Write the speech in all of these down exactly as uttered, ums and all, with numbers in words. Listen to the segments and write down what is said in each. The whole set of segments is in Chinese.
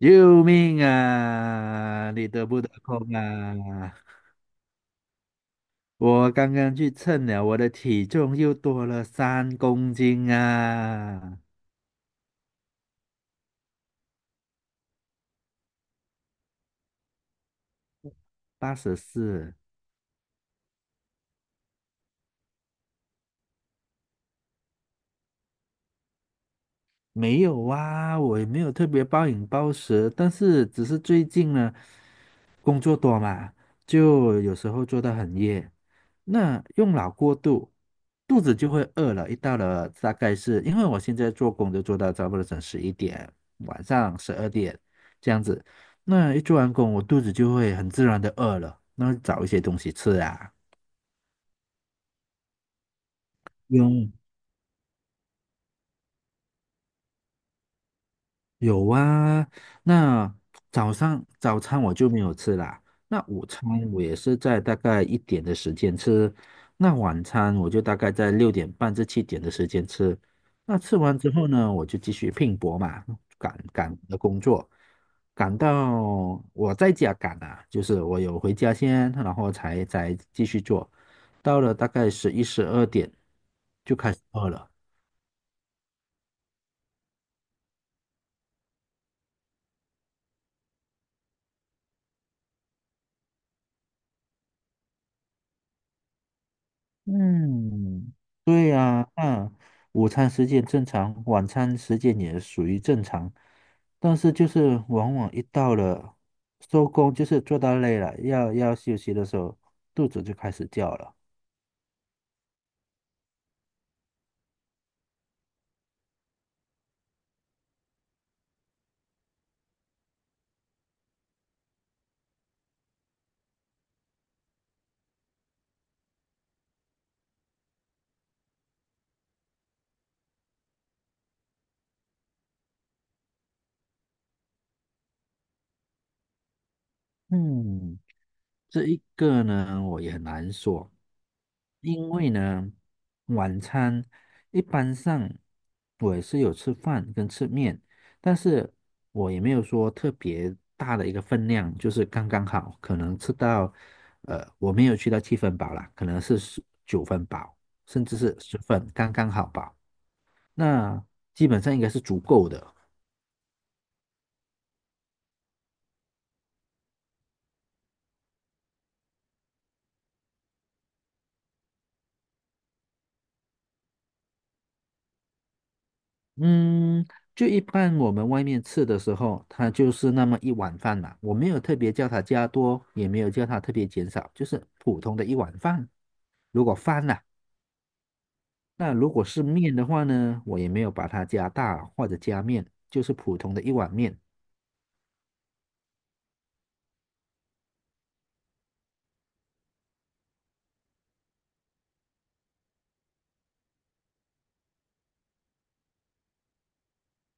救命啊！你得不得空啊？我刚刚去称了，我的体重又多了三公斤啊，八十四。没有啊，我也没有特别暴饮暴食，但是只是最近呢，工作多嘛，就有时候做到很夜，那用脑过度，肚子就会饿了。一到了大概是因为我现在做工就做到差不多整十一点，晚上十二点这样子，那一做完工，我肚子就会很自然的饿了，那找一些东西吃啊。用。有啊，那早上早餐我就没有吃啦。那午餐我也是在大概一点的时间吃，那晚餐我就大概在六点半至七点的时间吃。那吃完之后呢，我就继续拼搏嘛，赶赶我的工作，赶到我在家赶啊，就是我有回家先，然后才才继续做。到了大概十一十二点就开始饿了。嗯，对呀，那午餐时间正常，晚餐时间也属于正常，但是就是往往一到了收工，就是做到累了，要要休息的时候，肚子就开始叫了。嗯，这一个呢，我也很难说。因为呢，晚餐一般上我也是有吃饭跟吃面，但是我也没有说特别大的一个分量，就是刚刚好，可能吃到，呃，我没有去到七分饱啦，可能是十九分饱，甚至是十分，刚刚好饱，那基本上应该是足够的。嗯，就一般我们外面吃的时候，它就是那么一碗饭嘛，我没有特别叫它加多，也没有叫它特别减少，就是普通的一碗饭。如果饭呐、那如果是面的话呢，我也没有把它加大或者加面，就是普通的一碗面。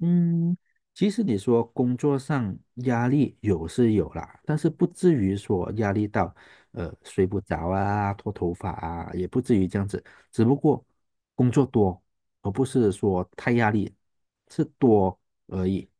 嗯，其实你说工作上压力有是有啦，但是不至于说压力到呃睡不着啊、脱头发啊，也不至于这样子。只不过工作多，而不是说太压力，是多而已。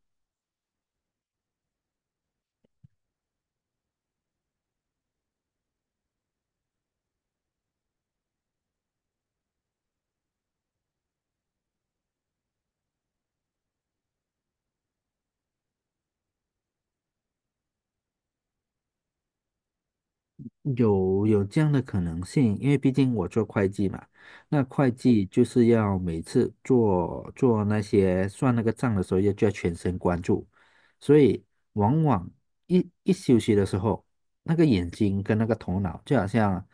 有有这样的可能性，因为毕竟我做会计嘛，那会计就是要每次做做那些算那个账的时候，要就要全神贯注，所以往往一一休息的时候，那个眼睛跟那个头脑就好像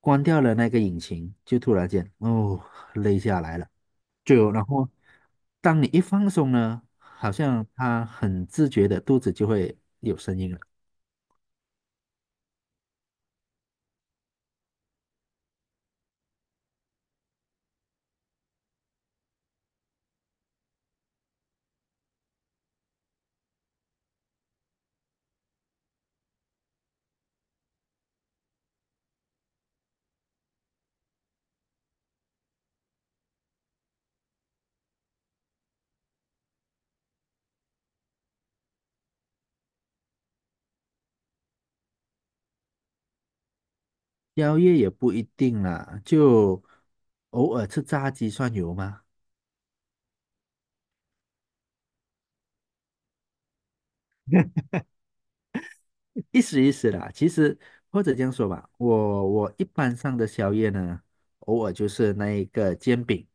关掉了那个引擎，就突然间哦累下来了，就然后当你一放松呢，好像他很自觉的肚子就会有声音了。宵夜也不一定啦，就偶尔吃炸鸡算有吗？意思意思啦。其实或者这样说吧，我我一般上的宵夜呢，偶尔就是那一个煎饼，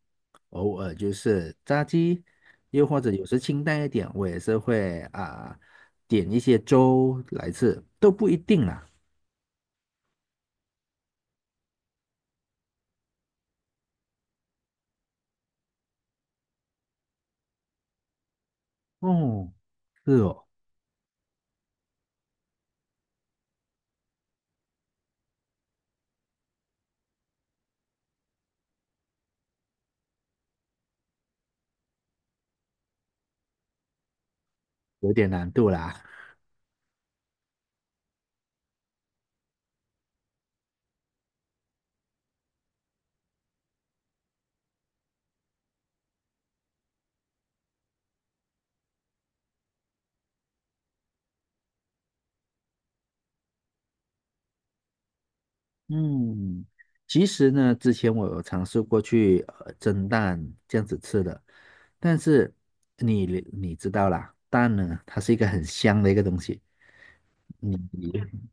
偶尔就是炸鸡，又或者有时清淡一点，我也是会啊、点一些粥来吃，都不一定啦。哦，是哦，有点难度啦。嗯，其实呢，之前我有尝试过去呃蒸蛋这样子吃的，但是你你知道啦，蛋呢，它是一个很香的一个东西，你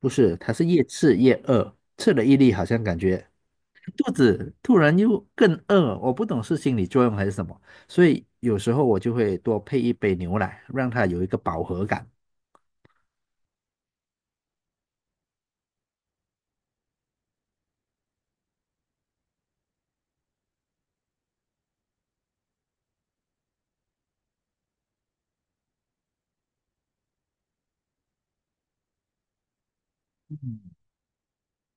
不是，它是越吃越饿，吃了一粒好像感觉肚子突然又更饿，我不懂是心理作用还是什么，所以有时候我就会多配一杯牛奶，让它有一个饱和感。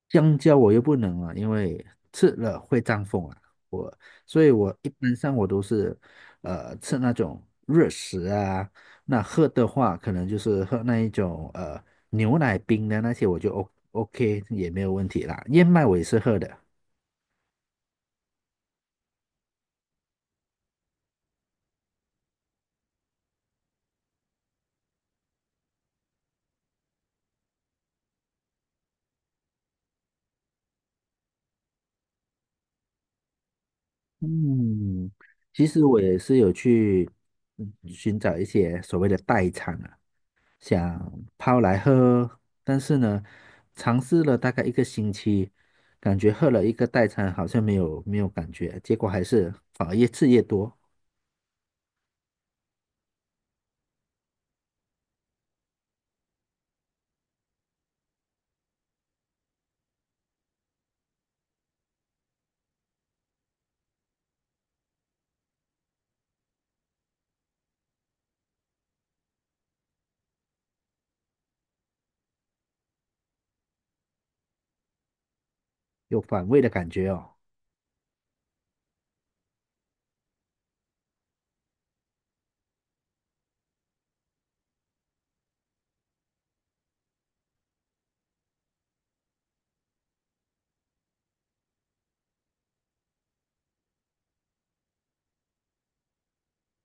香蕉我又不能了，因为吃了会胀风啊。我，所以我一般上我都是，呃，吃那种热食啊。那喝的话，可能就是喝那一种呃牛奶冰的那些，我就 O OK 也没有问题啦。燕麦我也是喝的。嗯，其实我也是有去嗯寻找一些所谓的代餐啊。想泡来喝喝但是呢，尝试了大概一个星期，感觉喝了一个代餐好像没有没有感觉，结果还是反而越吃越多，有反胃的感觉哦。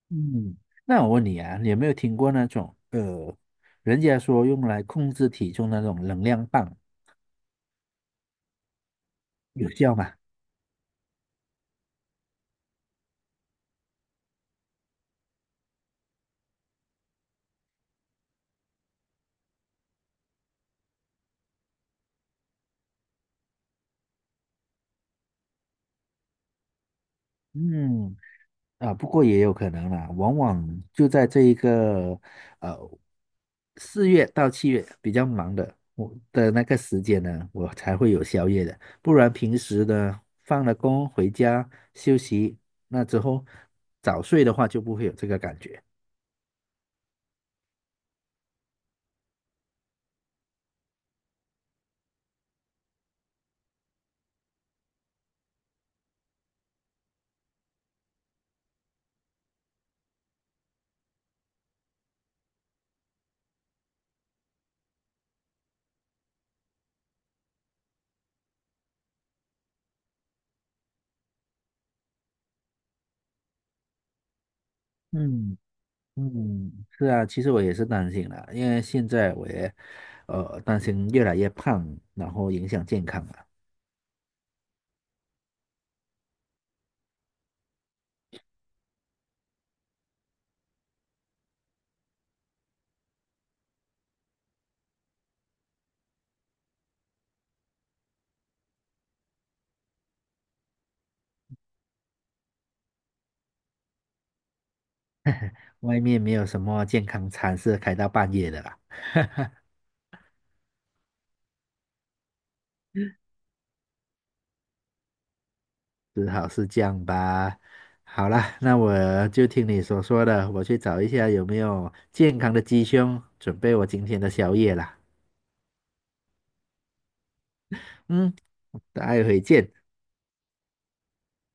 嗯，那我问你啊，你有没有听过那种呃，人家说用来控制体重那种能量棒，有效吗？嗯。啊，不过也有可能啦，往往就在这一个呃四月到七月比较忙的我的那个时间呢，我才会有宵夜的，不然平时呢放了工回家休息，那之后早睡的话就不会有这个感觉。嗯嗯，是啊，其实我也是担心啦，因为现在我也呃担心越来越胖，然后影响健康了。外面没有什么健康餐是开到半夜的啦。只好是这样吧。好啦，那我就听你所说的，我去找一下有没有健康的鸡胸，准备我今天的宵夜啦。嗯，待会见。